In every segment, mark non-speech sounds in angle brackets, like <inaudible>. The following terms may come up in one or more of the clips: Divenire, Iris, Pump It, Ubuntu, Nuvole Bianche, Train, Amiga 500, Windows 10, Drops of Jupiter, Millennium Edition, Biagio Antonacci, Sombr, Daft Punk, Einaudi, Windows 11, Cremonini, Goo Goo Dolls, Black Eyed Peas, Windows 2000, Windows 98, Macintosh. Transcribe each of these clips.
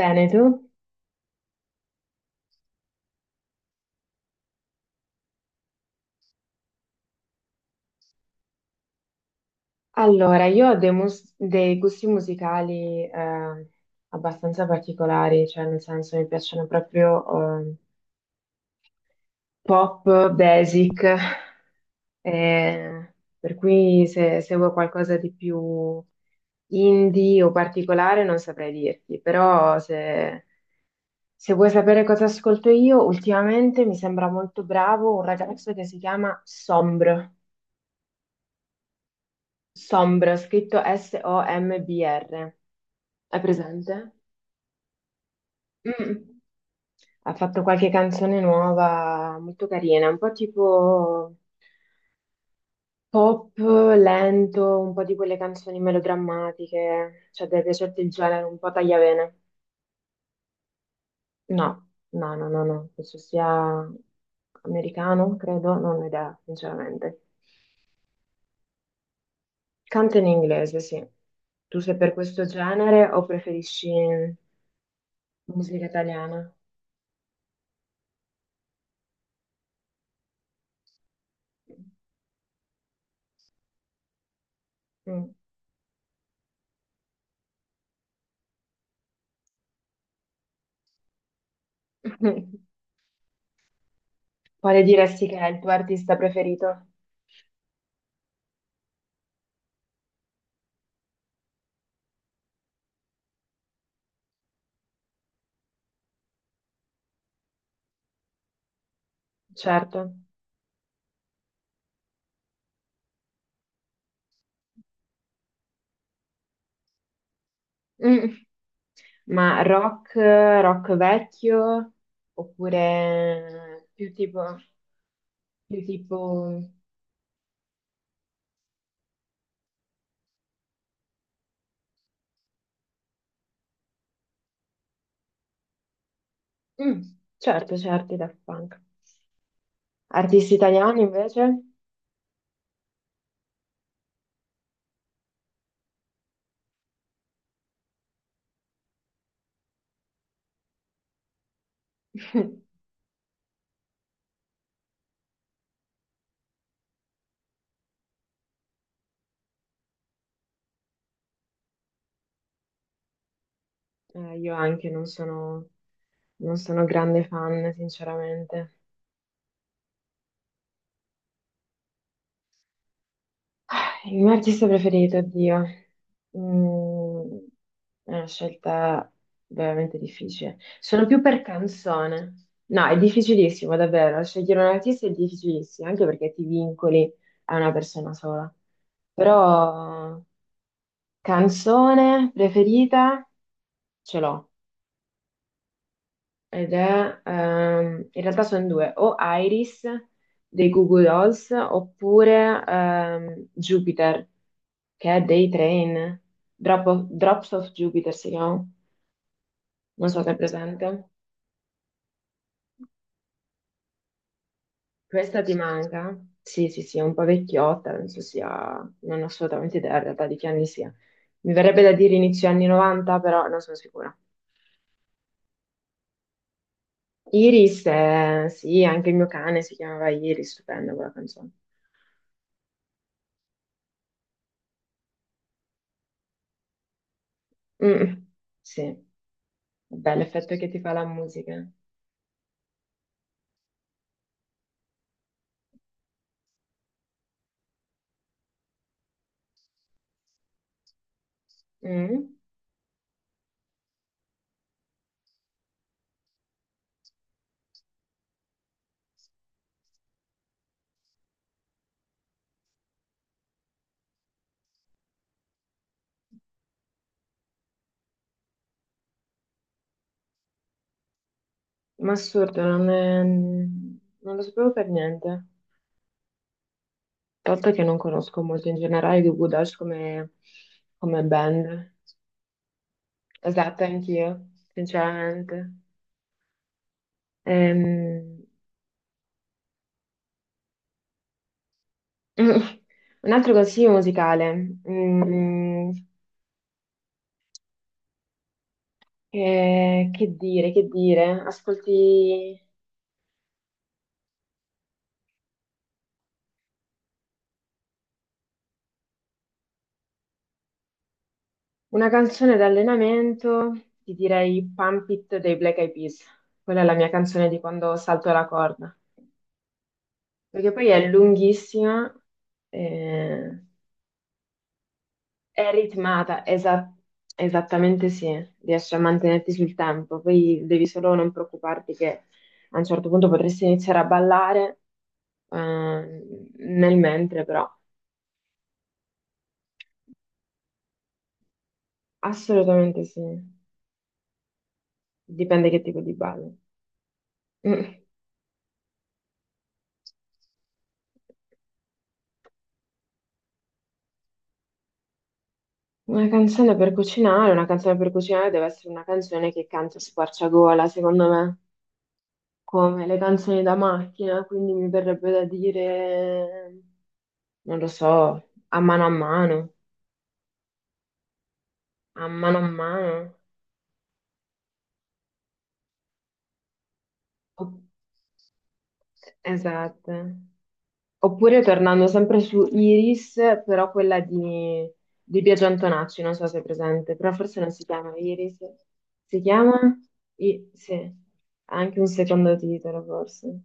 Bene, tu? Allora, io ho dei gusti musicali abbastanza particolari, cioè nel senso mi piacciono proprio pop, basic, eh, per cui se seguo qualcosa di più indie o particolare non saprei dirti, però se vuoi sapere cosa ascolto io, ultimamente mi sembra molto bravo un ragazzo che si chiama Sombr. Sombra, scritto S-O-M-B-R. Hai presente? Mm. Ha fatto qualche canzone nuova, molto carina, un po' tipo pop lento, un po' di quelle canzoni melodrammatiche, cioè deve piacerti il genere, un po' tagliavene. No, no, no, no, no, penso sia americano, credo, non ho idea, sinceramente. Canta in inglese, sì. Tu sei per questo genere o preferisci musica italiana? Mm. Quale diresti che è il tuo artista preferito? Certo. Mm. Ma rock, rock vecchio, oppure più tipo... Mm, certo, certo, i Daft Punk. Artisti italiani invece? <laughs> Io anche non sono, non sono grande fan, sinceramente. Il mio artista preferito, oddio, mm, è una scelta veramente difficile. Sono più per canzone. No, è difficilissimo, davvero. Scegliere un artista è difficilissimo, anche perché ti vincoli a una persona sola. Però canzone preferita ce l'ho. Ed è, in realtà sono due, o Iris dei Goo Goo Dolls oppure Jupiter, che è dei train, Drops of Jupiter si chiama, non so se è presente. Questa ti manca? Sì, sì, sì, è un po' vecchiotta, non so sia, non ho assolutamente idea in realtà di che anni sia. Mi verrebbe da dire inizio anni 90, però non sono sicura. Iris, sì, anche il mio cane si chiamava Iris, stupenda quella canzone. Mm, sì, vabbè, l'effetto che ti fa la musica. Mm, ma assurdo, non lo sapevo per niente. Tanto che non conosco molto in generale i Goo Goo Dolls come band. Esatto, anch'io, sinceramente. Ehm, <laughs> Un altro consiglio musicale. Mm, che dire, che dire? Ascolti una canzone d'allenamento, ti direi Pump It dei Black Eyed Peas. Quella è la mia canzone di quando salto la corda. Perché poi è lunghissima. eh, È ritmata, esattamente sì, riesci a mantenerti sul tempo, poi devi solo non preoccuparti che a un certo punto potresti iniziare a ballare eh, nel mentre, però assolutamente sì, dipende che tipo di ballo. Mm. Una canzone per cucinare, una canzone per cucinare deve essere una canzone che canta a squarciagola, secondo me, come le canzoni da macchina, quindi mi verrebbe da dire... non lo so, a mano a mano, a mano a mano. Opp- Esatto. Oppure tornando sempre su Iris, però di Biagio Antonacci, non so se è presente, però forse non si chiama Iris, si chiama? Sì, ha anche un secondo titolo forse.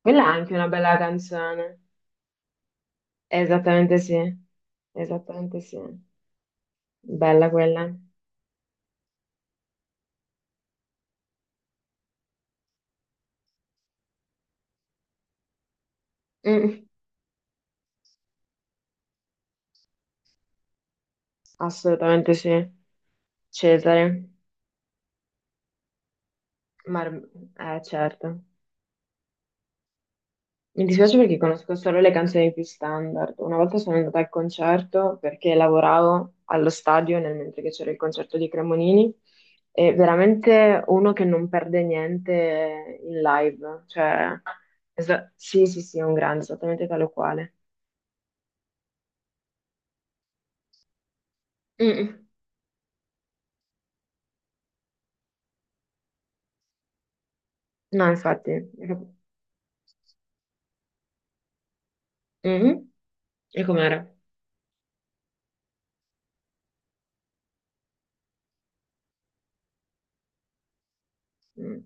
Quella è anche una bella canzone. Esattamente sì, esattamente sì. Bella quella. Mm, assolutamente sì. Cesare. Mar- eh, certo. Mi dispiace perché conosco solo le canzoni più standard. Una volta sono andata al concerto perché lavoravo allo stadio nel mentre che c'era il concerto di Cremonini e veramente uno che non perde niente in live. Cioè, sì, sì, sì, è un grande, esattamente tale o quale. Mm. No, infatti. Mhm. E com'era? Mm.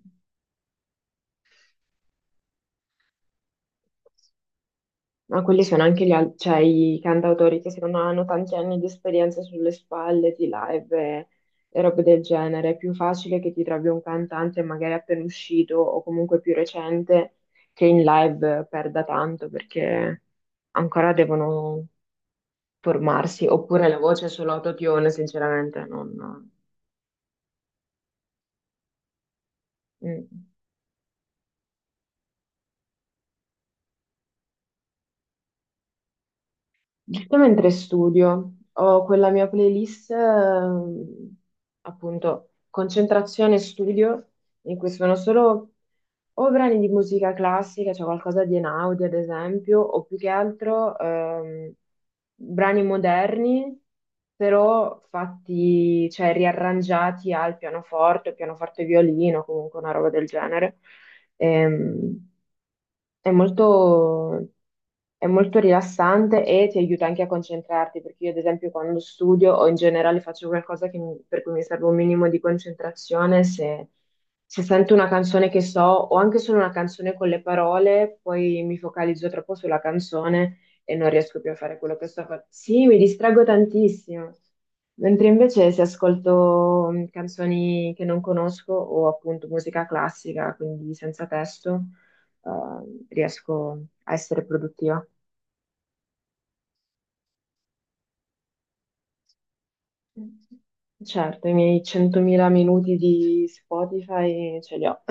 Ma quelli sono anche cioè, i cantautori che secondo me hanno tanti anni di esperienza sulle spalle, di e robe del genere. È più facile che ti trovi un cantante magari appena uscito o comunque più recente che in live perda tanto perché ancora devono formarsi. Oppure la voce è solo autotune, sinceramente, non... mm. Giusto mentre studio, ho quella mia playlist, appunto, concentrazione e studio, in cui sono solo o brani di musica classica, cioè qualcosa di Einaudi, ad esempio, o più che altro brani moderni, però fatti, cioè riarrangiati al pianoforte, pianoforte e violino, comunque una roba del genere. Ehm, è molto, è molto rilassante e ti aiuta anche a concentrarti, perché io ad esempio quando studio o in generale faccio qualcosa per cui mi serve un minimo di concentrazione, se sento una canzone che so o anche solo una canzone con le parole, poi mi focalizzo troppo sulla canzone e non riesco più a fare quello che sto facendo. Sì, mi distraggo tantissimo. Mentre invece se ascolto canzoni che non conosco o appunto musica classica, quindi senza testo, riesco a essere produttiva. Certo, i miei 100.000 minuti di Spotify ce li ho. <laughs>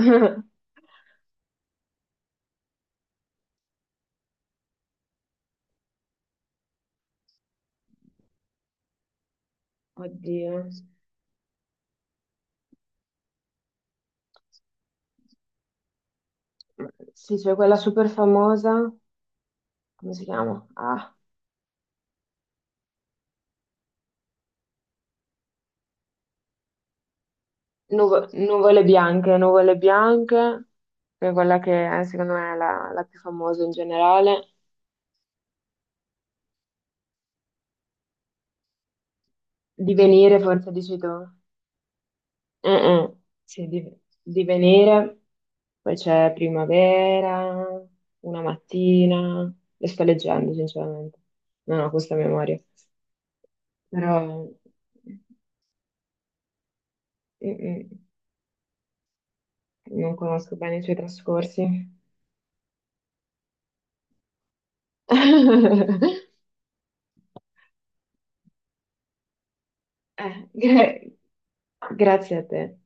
Oddio. Sì, c'è quella super famosa, come si chiama? Ah, Nuvole Bianche, Nuvole Bianche, che è quella che è, secondo me è la più famosa in generale. Divenire, forse dici tu. Mm-mm. Sì, di venire, poi c'è primavera, una mattina, le sto leggendo sinceramente, non ho questa memoria, però mm-mm, non conosco bene i suoi trascorsi. <laughs> Eh, gra- Grazie a te,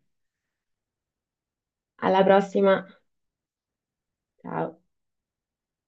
alla prossima, ciao.